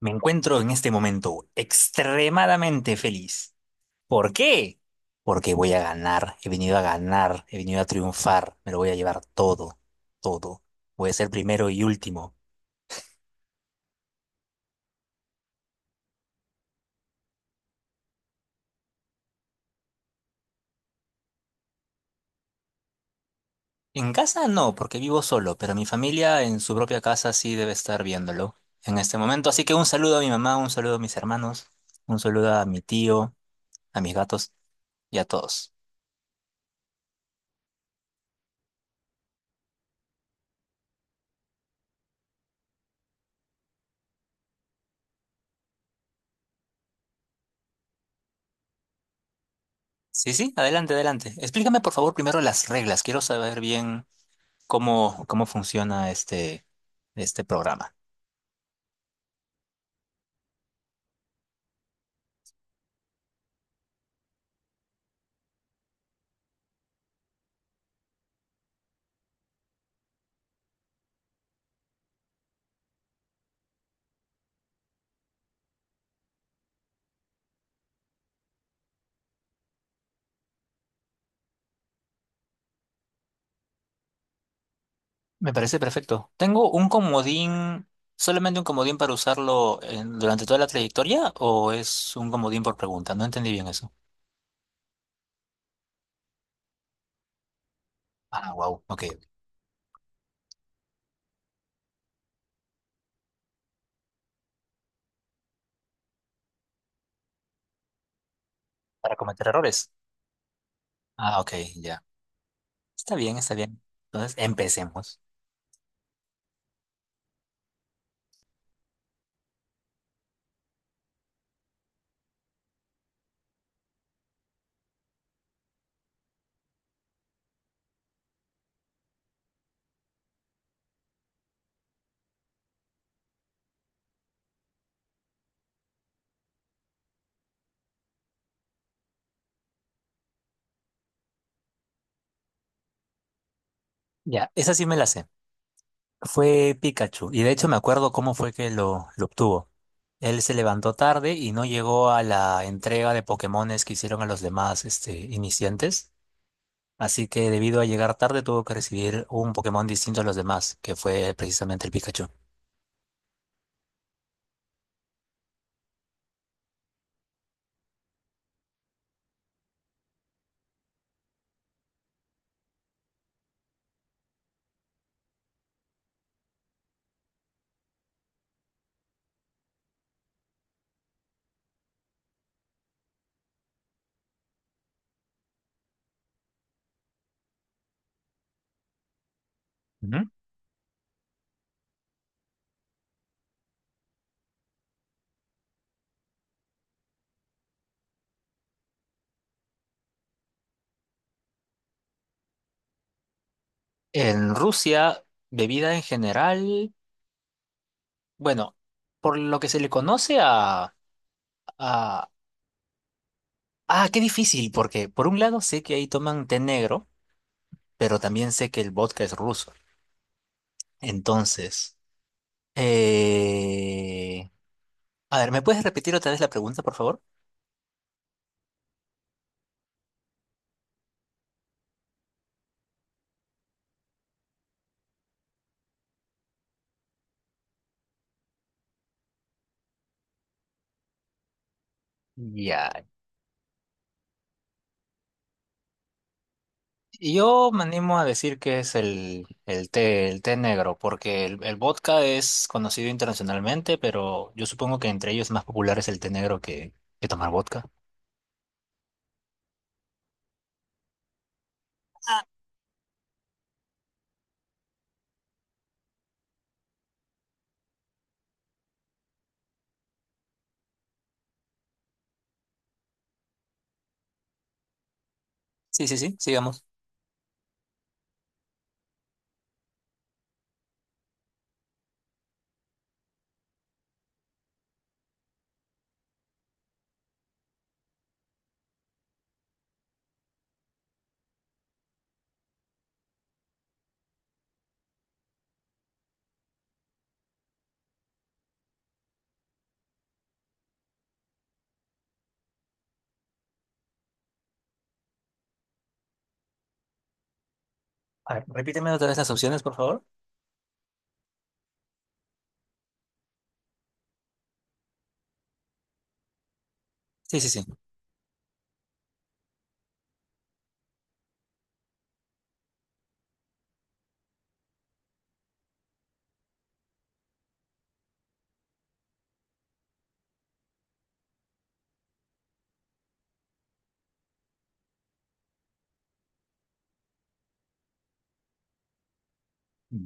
Me encuentro en este momento extremadamente feliz. ¿Por qué? Porque voy a ganar, he venido a ganar, he venido a triunfar, me lo voy a llevar todo, todo. Voy a ser primero y último. En casa no, porque vivo solo, pero mi familia en su propia casa sí debe estar viéndolo en este momento. Así que un saludo a mi mamá, un saludo a mis hermanos, un saludo a mi tío, a mis gatos y a todos. Sí, sí, adelante, adelante. Explícame por favor primero las reglas. Quiero saber bien cómo funciona este programa. Me parece perfecto. ¿Tengo un comodín, solamente un comodín para usarlo en- durante toda la trayectoria o es un comodín por pregunta? No entendí bien eso. Ah, wow, ok. Para cometer errores. Ah, ok, ya. Está bien, está bien. Entonces, empecemos. Ya, esa sí me la sé. Fue Pikachu y de hecho me acuerdo cómo fue que lo obtuvo. Él se levantó tarde y no llegó a la entrega de Pokémones que hicieron a los demás iniciantes. Así que debido a llegar tarde tuvo que recibir un Pokémon distinto a los demás, que fue precisamente el Pikachu. Ujú. En Rusia, bebida en general, bueno, por lo que se le conoce a... qué difícil, porque por un lado sé que ahí toman té negro, pero también sé que el vodka es ruso. Entonces, eh... a ver, ¿me puedes repetir otra vez la pregunta, por favor? Ya, yo me animo a decir que es el té, el té negro, porque el vodka es conocido internacionalmente, pero yo supongo que entre ellos más popular es el té negro que tomar vodka. Sí, sí, sí, sigamos. A ver, repíteme otra vez las opciones, por favor. Sí, sí, sí.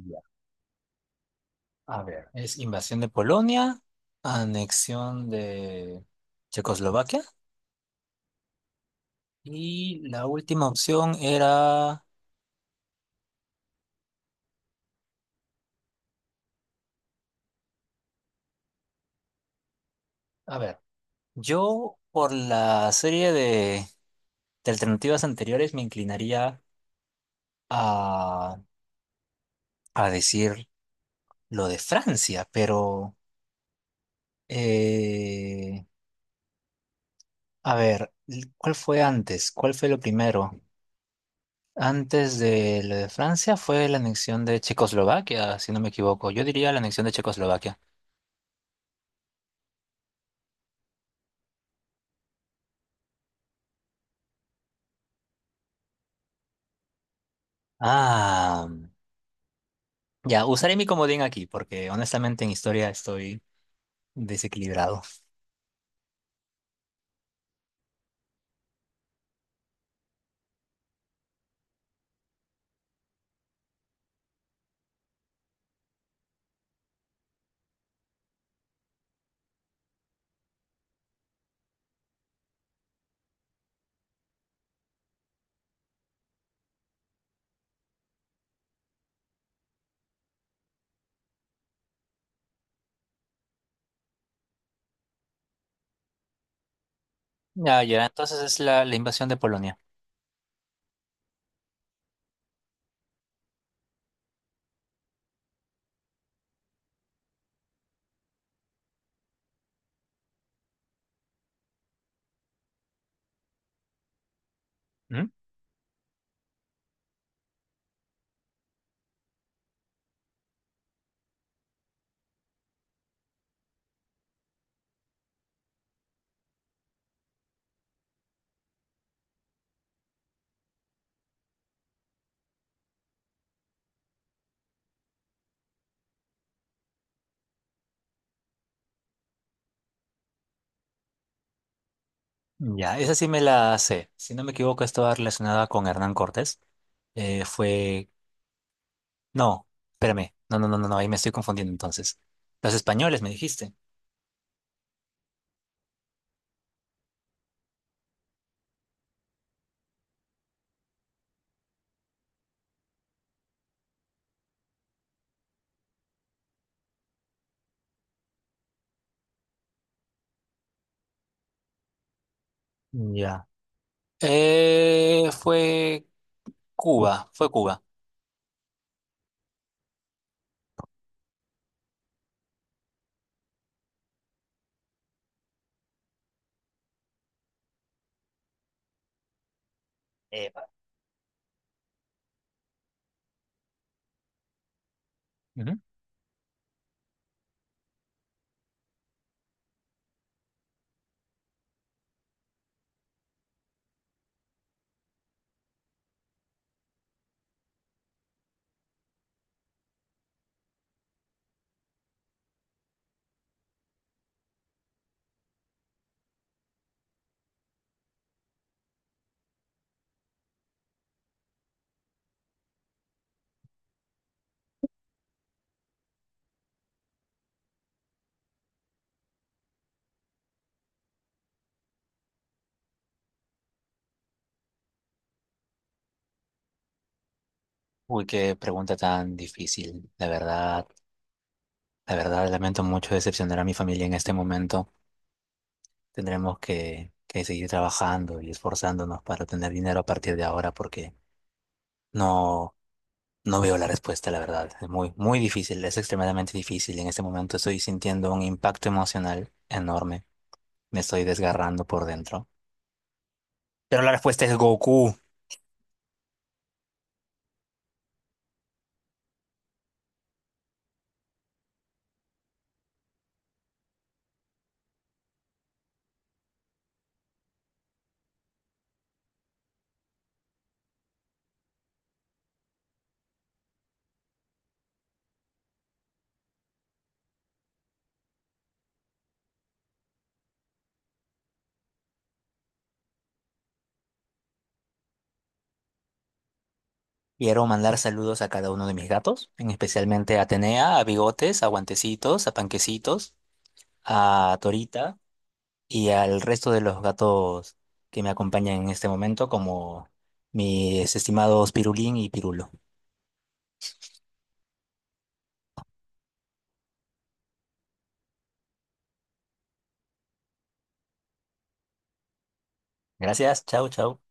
Ya. A ver, es invasión de Polonia, anexión de Checoslovaquia y la última opción era, a ver, yo por la serie de alternativas anteriores me inclinaría a, a decir lo de Francia, pero eh, a ver, ¿cuál fue antes? ¿Cuál fue lo primero? Antes de lo de Francia fue la anexión de Checoslovaquia, si no me equivoco. Yo diría la anexión de Checoslovaquia. Ah, ya, usaré mi comodín aquí porque honestamente en historia estoy desequilibrado. Ya, ya, entonces es la invasión de Polonia. ¿Mm? Ya, esa sí me la sé. Si no me equivoco, estaba relacionada con Hernán Cortés. Fue No, espérame. No, no, no, no, no, ahí me estoy confundiendo entonces. Los españoles, me dijiste. Ya. Fue Cuba, fue Cuba. Epa. Ujú. Uy, qué pregunta tan difícil. La verdad, lamento mucho decepcionar a mi familia en este momento. Tendremos que seguir trabajando y esforzándonos para tener dinero a partir de ahora porque no, no veo la respuesta, la verdad. Es muy, muy difícil, es extremadamente difícil. En este momento estoy sintiendo un impacto emocional enorme. Me estoy desgarrando por dentro. Pero la respuesta es Goku. Quiero mandar saludos a cada uno de mis gatos, en especialmente a Atenea, a Bigotes, a Guantecitos, a Panquecitos, a Torita y al resto de los gatos que me acompañan en este momento, como mis estimados Pirulín y Pirulo. Gracias, chao, chao.